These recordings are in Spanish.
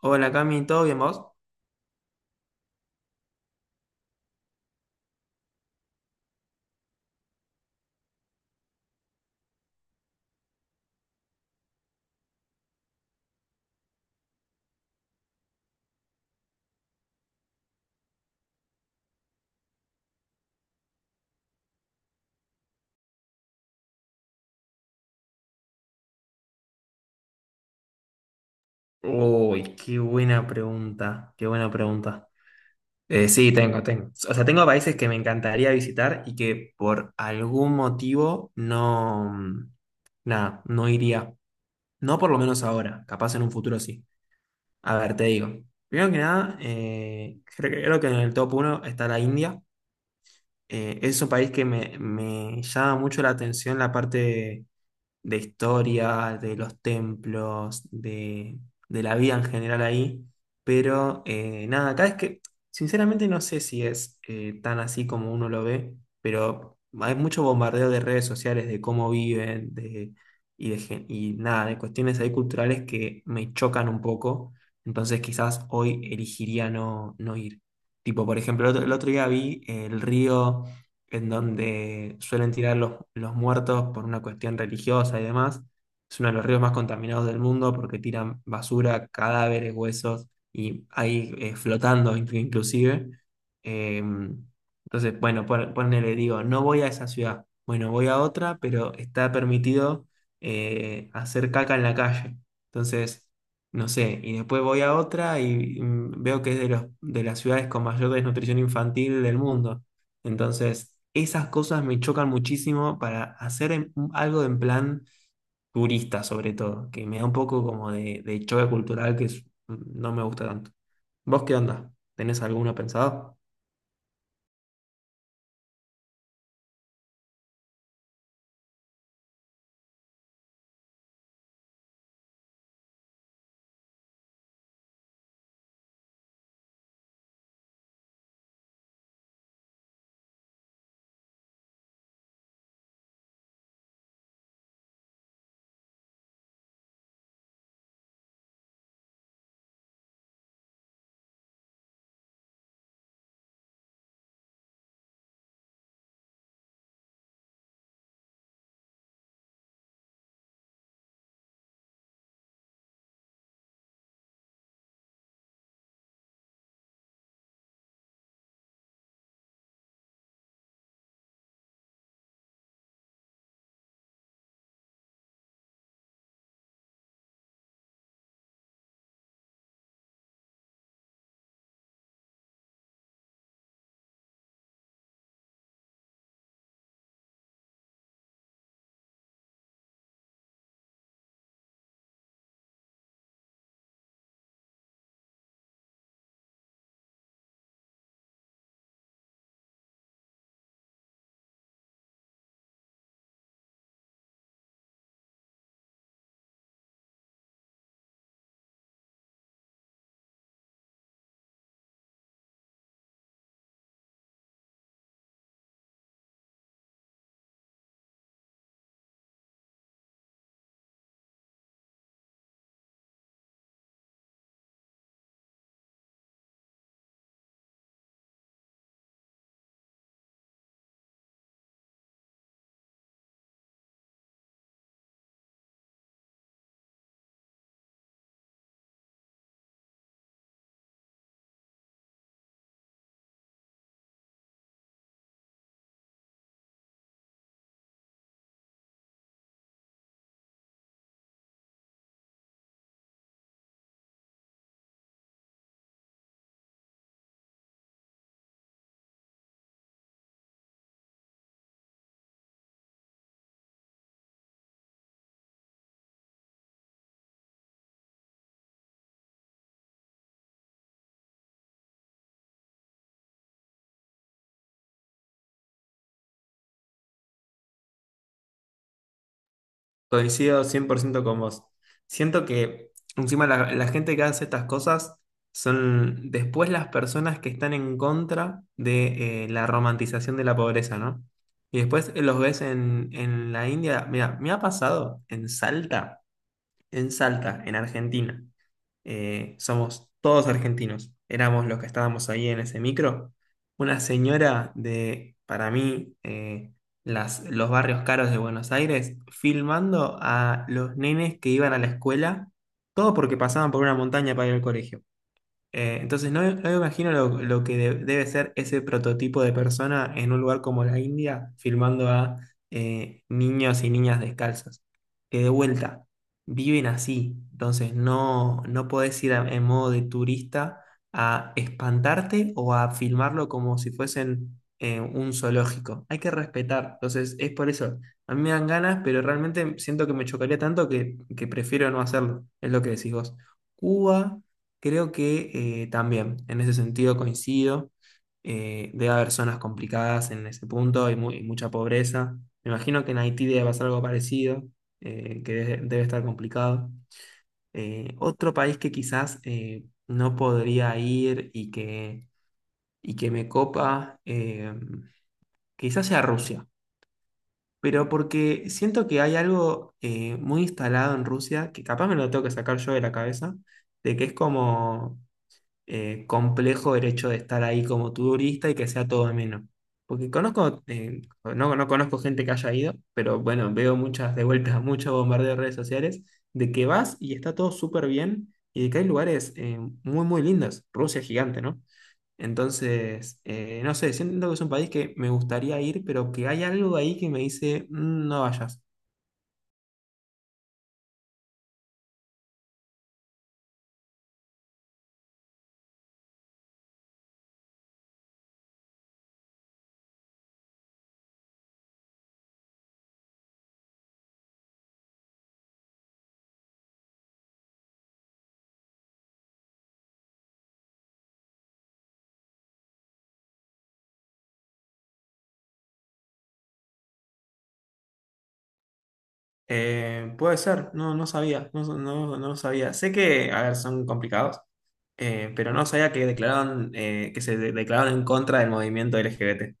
Hola Cami, ¿todo bien vos? Uy, qué buena pregunta, qué buena pregunta. Sí, tengo. O sea, tengo países que me encantaría visitar y que por algún motivo no, nada, no iría. No por lo menos ahora, capaz en un futuro sí. A ver, te digo. Primero que nada, creo que en el top uno está la India. Es un país que me llama mucho la atención la parte de historia, de los templos, de la vida en general ahí. Pero nada, acá es que sinceramente no sé si es tan así como uno lo ve, pero hay mucho bombardeo de redes sociales de cómo viven, de, y, de, gen- y nada, de cuestiones ahí culturales que me chocan un poco. Entonces quizás hoy elegiría no, no ir. Tipo, por ejemplo, el otro día vi el río en donde suelen tirar los muertos por una cuestión religiosa y demás. Es uno de los ríos más contaminados del mundo porque tiran basura, cadáveres, huesos y ahí flotando inclusive. Entonces, bueno, ponele, digo, no voy a esa ciudad, bueno, voy a otra, pero está permitido hacer caca en la calle. Entonces, no sé, y después voy a otra y veo que es de de las ciudades con mayor desnutrición infantil del mundo. Entonces, esas cosas me chocan muchísimo para hacer algo en plan turista, sobre todo, que me da un poco como de choque cultural no me gusta tanto. ¿Vos qué onda? ¿Tenés alguno pensado? Coincido 100% con vos. Siento que encima la gente que hace estas cosas son después las personas que están en contra de la romantización de la pobreza, ¿no? Y después los ves en la India. Mira, me ha pasado en Salta en Salta, en Argentina. Somos todos argentinos. Éramos los que estábamos ahí en ese micro. Una señora de, para mí, los barrios caros de Buenos Aires, filmando a los nenes que iban a la escuela, todo porque pasaban por una montaña para ir al colegio. Entonces, no, no me imagino lo que debe ser ese prototipo de persona en un lugar como la India, filmando a niños y niñas descalzos, que de vuelta viven así. Entonces, no, no podés ir en modo de turista a espantarte o a filmarlo como si fuesen un zoológico. Hay que respetar. Entonces, es por eso. A mí me dan ganas, pero realmente siento que me chocaría tanto que prefiero no hacerlo. Es lo que decís vos. Cuba. Creo que también, en ese sentido coincido. Debe haber zonas complicadas en ese punto, hay, mucha pobreza. Me imagino que en Haití debe pasar algo parecido, debe estar complicado. Otro país que quizás no podría ir y que me copa, quizás sea Rusia, pero porque siento que hay algo muy instalado en Rusia, que capaz me lo tengo que sacar yo de la cabeza, de que es como complejo el hecho de estar ahí como turista y que sea todo ameno. Porque conozco, no conozco gente que haya ido, pero bueno, veo muchas de vueltas, mucho bombardeo de redes sociales, de que vas y está todo súper bien y de que hay lugares muy lindos. Rusia es gigante, ¿no? Entonces, no sé, siento que es un país que me gustaría ir, pero que hay algo ahí que me dice, "Mm, no vayas." Puede ser, no, no sabía, no sabía. Sé que, a ver, son complicados, pero no sabía que declararon, que se declararon en contra del movimiento LGBT.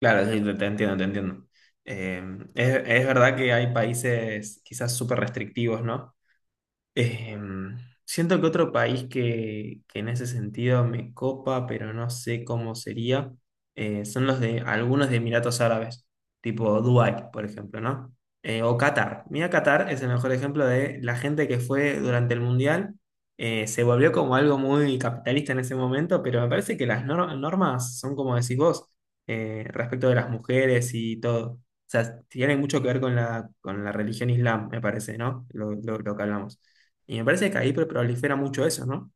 Claro, sí, te entiendo, te entiendo. Eh, es verdad que hay países quizás súper restrictivos, ¿no? Em, siento que otro país que en ese sentido me copa, pero no sé cómo sería, son los de algunos de Emiratos Árabes, tipo Dubái, por ejemplo, ¿no? O Qatar. Mira, Qatar es el mejor ejemplo de la gente que fue durante el Mundial. Se volvió como algo muy capitalista en ese momento, pero me parece que las normas son como decís vos, respecto de las mujeres y todo. O sea, tiene mucho que ver con con la religión islam, me parece, ¿no? Lo que hablamos. Y me parece que ahí prolifera mucho eso, ¿no?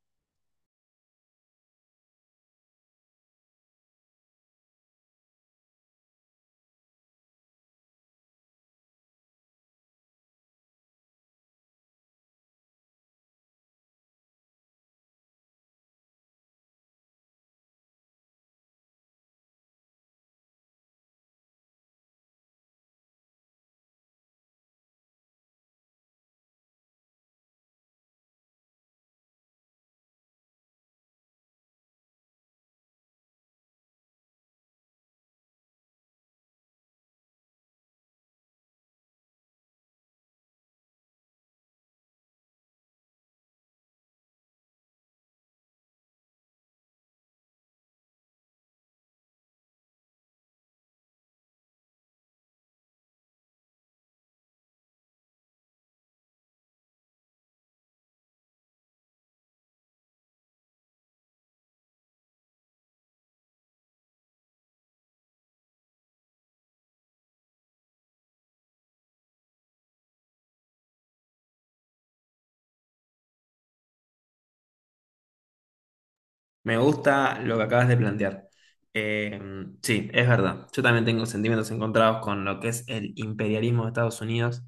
Me gusta lo que acabas de plantear. Eh, sí, es verdad. Yo también tengo sentimientos encontrados con lo que es el imperialismo de Estados Unidos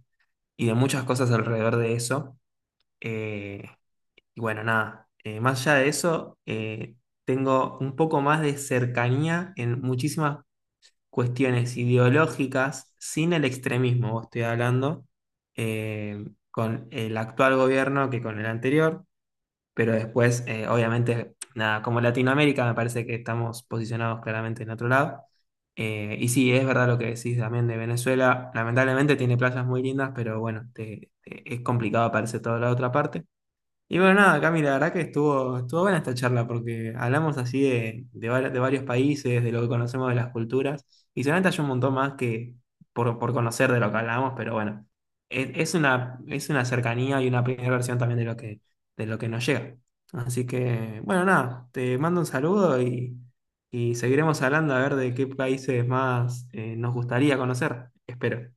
y de muchas cosas alrededor de eso. Eh, y bueno, nada, Más allá de eso, tengo un poco más de cercanía en muchísimas cuestiones ideológicas, sin el extremismo, vos estoy hablando, eh, con el actual gobierno que con el anterior. Pero después, obviamente, nada, como Latinoamérica me parece que estamos posicionados claramente en otro lado. Y sí, es verdad lo que decís también de Venezuela. Lamentablemente tiene playas muy lindas, pero bueno, es complicado aparecer toda la otra parte. Y bueno, nada, Cami, la verdad que estuvo buena esta charla porque hablamos así de varios países, de lo que conocemos de las culturas, y seguramente hay un montón más que por conocer de lo que hablamos, pero bueno, es una cercanía y una primera versión también de de lo que nos llega. Así que, bueno, nada, te mando un saludo y seguiremos hablando a ver de qué países más nos gustaría conocer, espero.